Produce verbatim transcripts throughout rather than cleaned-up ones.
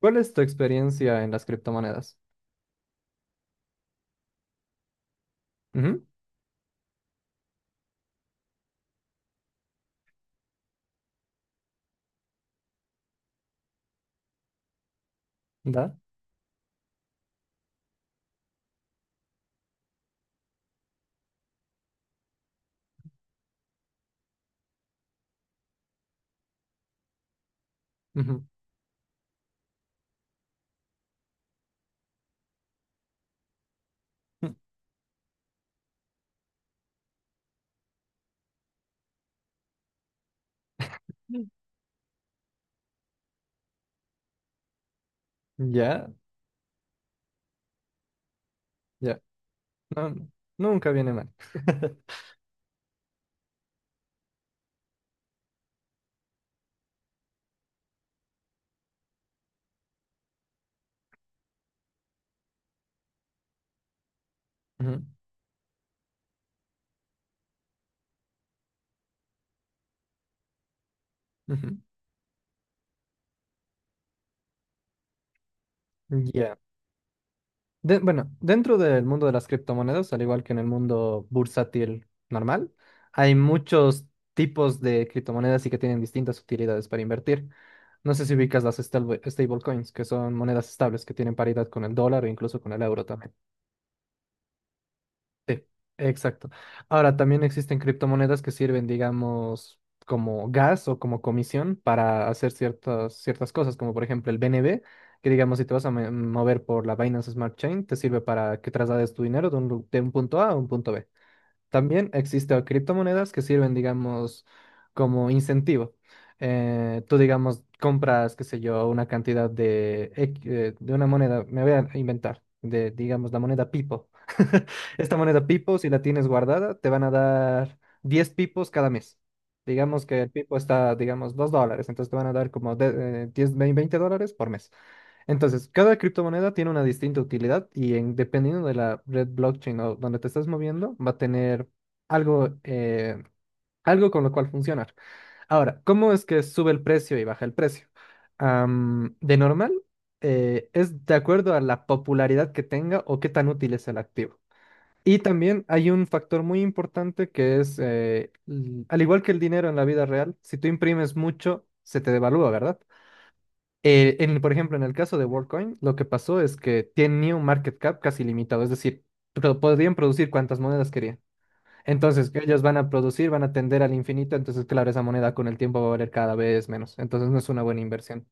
¿Cuál es tu experiencia en las criptomonedas? Ujú. ¿Da? Ujú. Ya, ya. No, no, nunca viene mal. Ujú, ujú. Ya. De- bueno, dentro del mundo de las criptomonedas, al igual que en el mundo bursátil normal, hay muchos tipos de criptomonedas y que tienen distintas utilidades para invertir. No sé si ubicas las stable- stablecoins, que son monedas estables que tienen paridad con el dólar o incluso con el euro también. Sí, exacto. Ahora, también existen criptomonedas que sirven, digamos, como gas o como comisión para hacer ciertas, ciertas cosas, como por ejemplo el B N B, que digamos, si te vas a me- mover por la Binance Smart Chain, te sirve para que traslades tu dinero de un, lu- de un punto A a un punto B. También existen criptomonedas que sirven, digamos, como incentivo. Eh, tú, digamos, compras, qué sé yo, una cantidad de, ec- eh, de una moneda, me voy a inventar, de, digamos, la moneda Pipo. Esta moneda Pipo, si la tienes guardada, te van a dar diez pipos cada mes. Digamos que el pipo está, digamos, dos dólares, entonces te van a dar como de- eh, diez, veinte dólares por mes. Entonces, cada criptomoneda tiene una distinta utilidad y en- dependiendo de la red blockchain o donde te estás moviendo, va a tener algo, eh, algo con lo cual funcionar. Ahora, ¿cómo es que sube el precio y baja el precio? Am, de normal, eh, es de acuerdo a la popularidad que tenga o qué tan útil es el activo. Y también hay un factor muy importante que es, eh, l- al igual que el dinero en la vida real, si tú imprimes mucho, se te devalúa, ¿verdad? Eh, en, por ejemplo, en el caso de WorldCoin, lo que pasó es que tenía un market cap casi limitado, es decir, pro- podían producir cuantas monedas querían. Entonces, que ellos van a producir, van a tender al infinito, entonces, claro, esa moneda con el tiempo va a valer cada vez menos. Entonces, no es una buena inversión.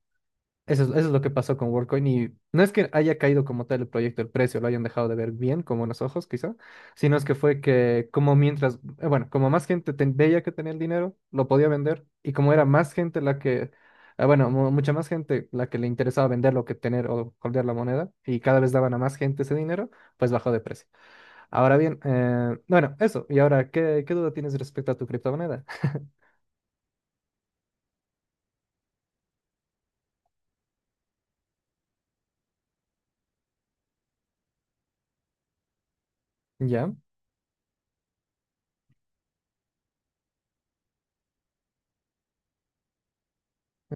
Eso es, eso es lo que pasó con WorldCoin y no es que haya caído como tal el proyecto, el precio, lo hayan dejado de ver bien, como unos ojos quizá, sino es que fue que como mientras, eh, bueno, como más gente ten- veía que tenía el dinero, lo podía vender y como era más gente la que, eh, bueno, mu- mucha más gente la que le interesaba venderlo que tener o holdear la moneda y cada vez daban a más gente ese dinero, pues bajó de precio. Ahora bien, eh, bueno, eso. Y ahora, ¿qué, qué duda tienes respecto a tu criptomoneda? ¿Ya?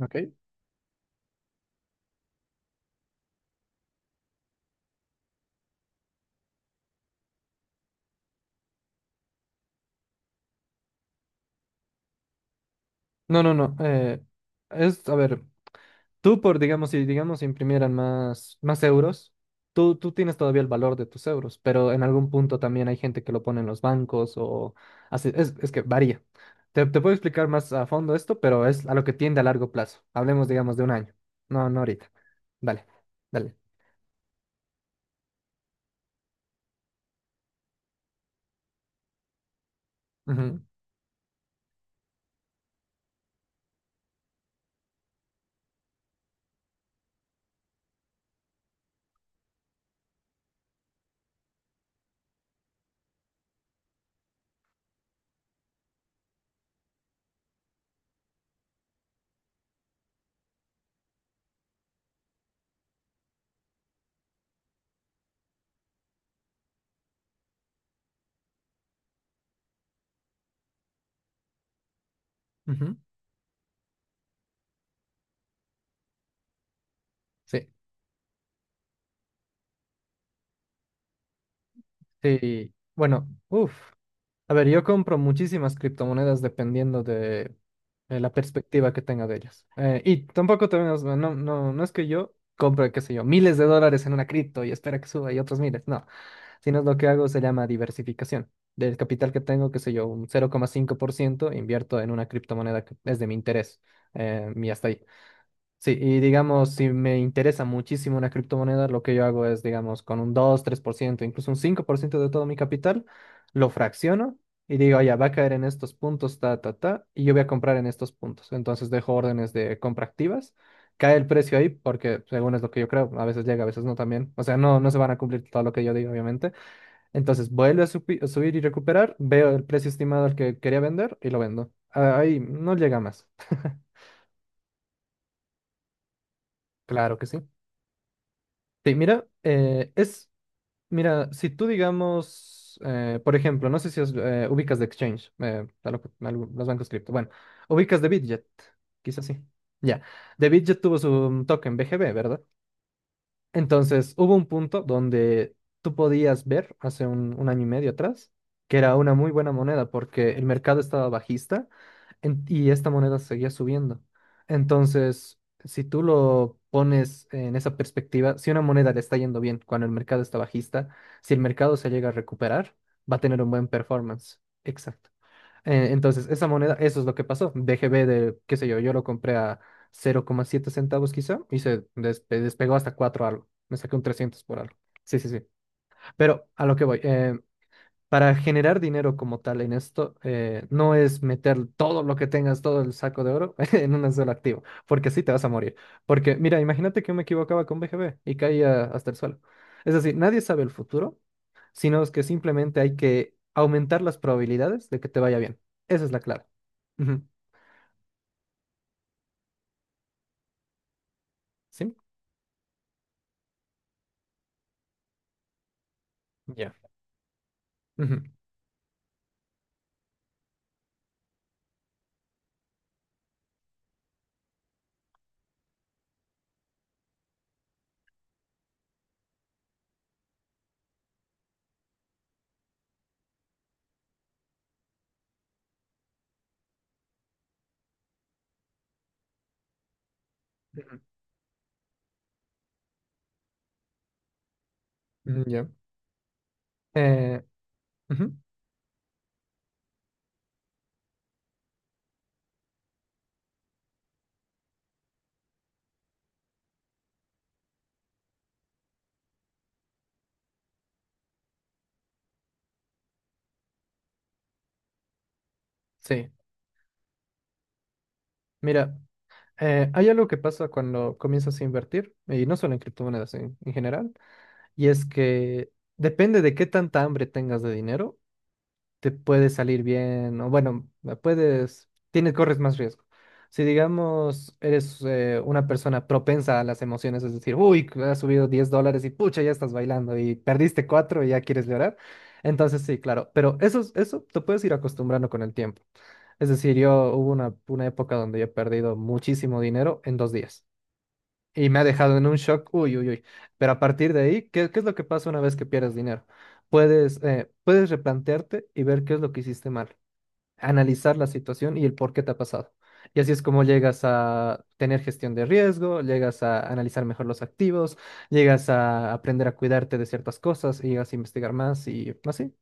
Ok. No, no, no. eh, es, a ver. Tú, por, digamos, si digamos imprimieran más, más euros, tú, tú tienes todavía el valor de tus euros, pero en algún punto también hay gente que lo pone en los bancos o así, es, es que varía. Te, te puedo explicar más a fondo esto, pero es a lo que tiende a largo plazo. Hablemos, digamos, de un año. No, no ahorita. Dale, dale. Ujú, ujú. Sí, sí. Bueno, uff. A ver, yo compro muchísimas criptomonedas dependiendo de eh, la perspectiva que tenga de ellas. Eh, y tampoco te no, no, no es que yo compre, qué sé yo, miles de dólares en una cripto y espera que suba y otros miles. No, sino lo que hago se llama diversificación. Del capital que tengo, qué sé yo, un cero coma cinco por ciento invierto en una criptomoneda que es de mi interés. Eh, y hasta ahí. Sí, y digamos, si me interesa muchísimo una criptomoneda, lo que yo hago es, digamos, con un dos tres por ciento incluso un cinco por ciento de todo mi capital, lo fracciono y digo, ya va a caer en estos puntos, ta, ta, ta, y yo voy a comprar en estos puntos. Entonces dejo órdenes de compra activas, cae el precio ahí, porque según es lo que yo creo, a veces llega, a veces no también. O sea, no, no se van a cumplir todo lo que yo digo, obviamente. Entonces vuelve a, supi- a subir y recuperar, veo el precio estimado al que quería vender y lo vendo. Ah, ahí no llega más. Claro que sí. Sí, mira, eh, es, mira, si tú digamos, eh, por ejemplo, no sé si os, eh, ubicas de Exchange, eh, a lo que- a lo- los bancos cripto, bueno, ubicas de Bitget, quizás sí, ya, de Bitget tuvo su mm, token B G B, ¿verdad? Entonces, hubo un punto donde tú podías ver, hace un, un año y medio atrás, que era una muy buena moneda porque el mercado estaba bajista en- y esta moneda seguía subiendo. Entonces, si tú lo pones en esa perspectiva, si una moneda le está yendo bien cuando el mercado está bajista, si el mercado se llega a recuperar, va a tener un buen performance. Exacto. Eh, entonces, esa moneda, eso es lo que pasó. B G B de, qué sé yo, yo lo compré a cero coma siete centavos quizá y se despe- despegó hasta cuatro algo. Me saqué un trescientos por algo. Sí, sí, sí. Pero a lo que voy. eh, para generar dinero como tal en esto, eh, no es meter todo lo que tengas, todo el saco de oro en un solo activo, porque así te vas a morir. Porque, mira, imagínate que yo me equivocaba con B G B y caía hasta el suelo. Es decir, nadie sabe el futuro, sino es que simplemente hay que aumentar las probabilidades de que te vaya bien. Esa es la clave. Ujú. ¿Sí? Ya. Ujú. Ujú. Mm. Ya. Eh, ujú. Sí. Mira, eh, hay algo que pasa cuando comienzas a invertir, y no solo en criptomonedas en en general. Y es que depende de qué tanta hambre tengas de dinero, te puede salir bien, o bueno, puedes, tienes, corres más riesgo. Si digamos, eres eh, una persona propensa a las emociones, es decir, uy, que has subido diez dólares y pucha, ya estás bailando y perdiste cuatro y ya quieres llorar. Entonces sí, claro, pero eso, es- eso te puedes ir acostumbrando con el tiempo. Es decir, yo hubo una, una época donde yo he perdido muchísimo dinero en dos días. Y me ha dejado en un shock, uy, uy, uy. Pero a partir de ahí, ¿qué, qué es lo que pasa una vez que pierdes dinero? Puedes, eh, puedes replantearte y ver qué es lo que hiciste mal, analizar la situación y el por qué te ha pasado. Y así es como llegas a tener gestión de riesgo, llegas a analizar mejor los activos, llegas a aprender a cuidarte de ciertas cosas y llegas a investigar más y así.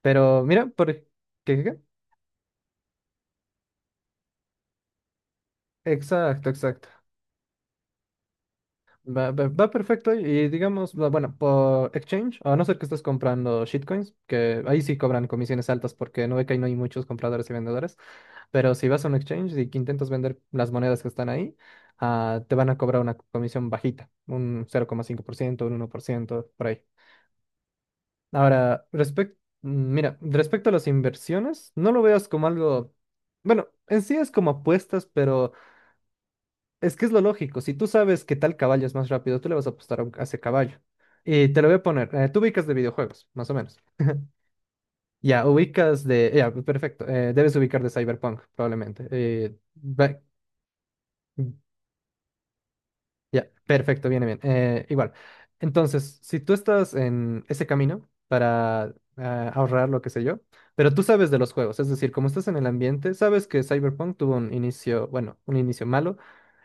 Pero mira, por... ¿Qué, qué, qué? Exacto, exacto. Va, va- va perfecto y digamos, bu- bueno, por exchange, a no ser que estés comprando shitcoins, que ahí sí cobran comisiones altas porque no ve que ahí no hay muchos compradores y vendedores, pero si vas a un exchange y que intentas vender las monedas que están ahí, ah, te van a cobrar una comisión bajita, un cero coma cinco por ciento, un uno por ciento por ahí. Ahora, respecto, mira, respecto a las inversiones, no lo veas como algo, bueno, en sí es como apuestas, pero... Es que es lo lógico. Si tú sabes que tal caballo es más rápido, tú le vas a apostar a, un- a ese caballo. Y te lo voy a poner. eh, tú ubicas de videojuegos, más o menos. Ya, ubicas de... Ya, perfecto. eh, debes ubicar de Cyberpunk, probablemente. eh, ve- Ya, perfecto, viene bien. eh, igual. Entonces, si tú estás en ese camino para ah, ahorrar lo que sé yo, pero tú sabes de los juegos, es decir, como estás en el ambiente, sabes que Cyberpunk tuvo un inicio, bueno, un inicio malo.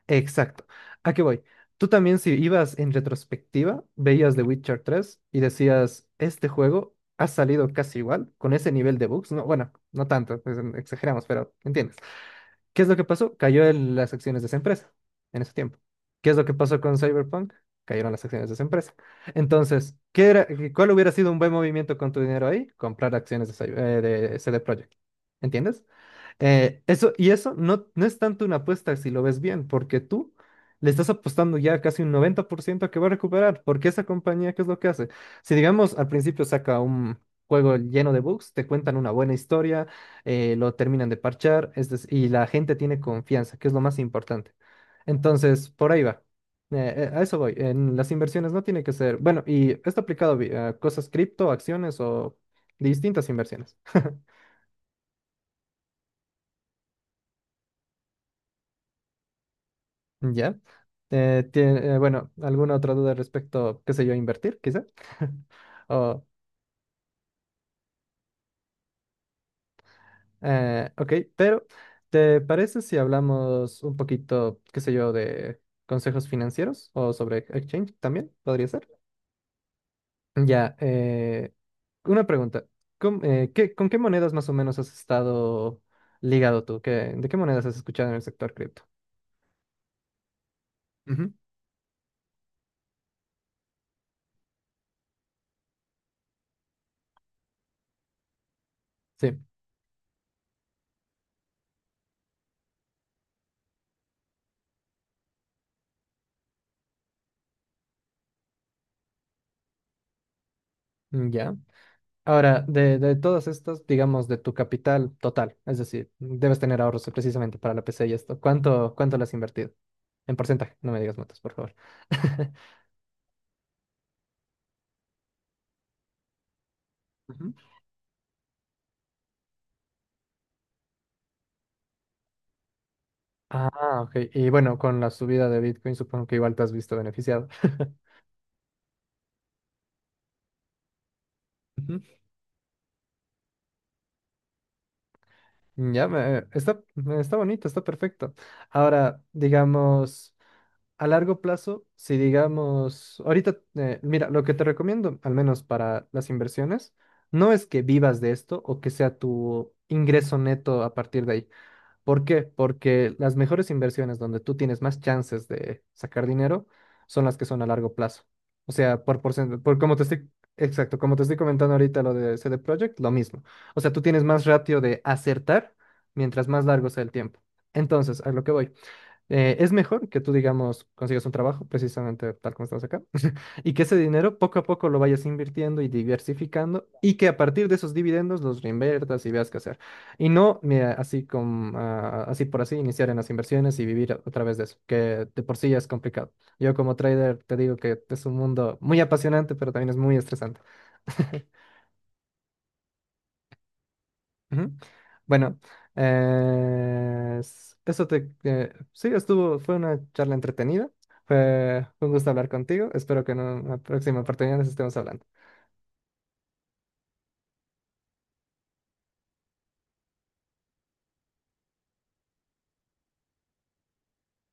Exacto. ¿A qué voy? Tú también si ibas en retrospectiva, veías The Witcher tres y decías, este juego ha salido casi igual, con ese nivel de bugs. No, bueno, no tanto, pues, em, exageramos, pero entiendes. ¿Qué es lo que pasó? Cayó el- las acciones de esa empresa en ese tiempo. ¿Qué es lo que pasó con Cyberpunk? Cayeron las acciones de esa empresa. Entonces, ¿qué era, cuál hubiera sido un buen movimiento con tu dinero ahí? Comprar acciones de, Cy- eh, de C D Projekt. ¿Entiendes? Eh, eso, y eso no, no es tanto una apuesta si lo ves bien, porque tú le estás apostando ya casi un noventa por ciento a que va a recuperar, porque esa compañía, ¿qué es lo que hace? Si digamos al principio saca un juego lleno de bugs, te cuentan una buena historia, eh, lo terminan de parchar, es dec- y la gente tiene confianza, que es lo más importante. Entonces, por ahí va. Eh, eh, a eso voy. En las inversiones no tiene que ser, bueno, y esto aplicado vi- a cosas cripto, acciones o distintas inversiones. Ya. Eh, tie- eh, bueno, ¿alguna otra duda respecto, qué sé yo, a invertir, quizá? O, eh, ok, pero ¿te parece si hablamos un poquito, qué sé yo, de consejos financieros o sobre exchange también? ¿Podría ser? Ya, eh, una pregunta. ¿Con, eh, qué, con qué monedas más o menos has estado ligado tú? ¿Qué- de qué monedas has escuchado en el sector cripto? Ujú. Sí, ya. Ahora, de, de, todas estas, digamos, de tu capital total, es decir, debes tener ahorros precisamente para la P C y esto. ¿Cuánto, cuánto le has invertido? En porcentaje, no me digas motos, por favor. Ujú. Ah, ok. Y bueno, con la subida de Bitcoin supongo que igual te has visto beneficiado. Ujú. Ya, me- está, está bonito, está perfecto. Ahora, digamos... A largo plazo, si digamos, ahorita, eh, mira, lo que te recomiendo, al menos para las inversiones, no es que vivas de esto o que sea tu ingreso neto a partir de ahí. ¿Por qué? Porque las mejores inversiones donde tú tienes más chances de sacar dinero son las que son a largo plazo. O sea, por porcentaje, por como te estoy, exacto, como te estoy comentando ahorita lo de C D Projekt, lo mismo. O sea, tú tienes más ratio de acertar mientras más largo sea el tiempo. Entonces, a lo que voy. Eh, es mejor que tú, digamos, consigas un trabajo, precisamente tal como estás acá, y que ese dinero poco a poco lo vayas invirtiendo y diversificando, y que a partir de esos dividendos los reinviertas y veas qué hacer. Y no, mira, así como, ah, así por así, iniciar en las inversiones y vivir a, a través de eso, que de por sí ya es complicado. Yo como trader te digo que es un mundo muy apasionante, pero también es muy estresante. Ujú. Bueno, eh, s- eso te... eh, sí, estuvo, fue una charla entretenida. Fue fue un gusto hablar contigo. Espero que en una próxima oportunidad nos estemos hablando.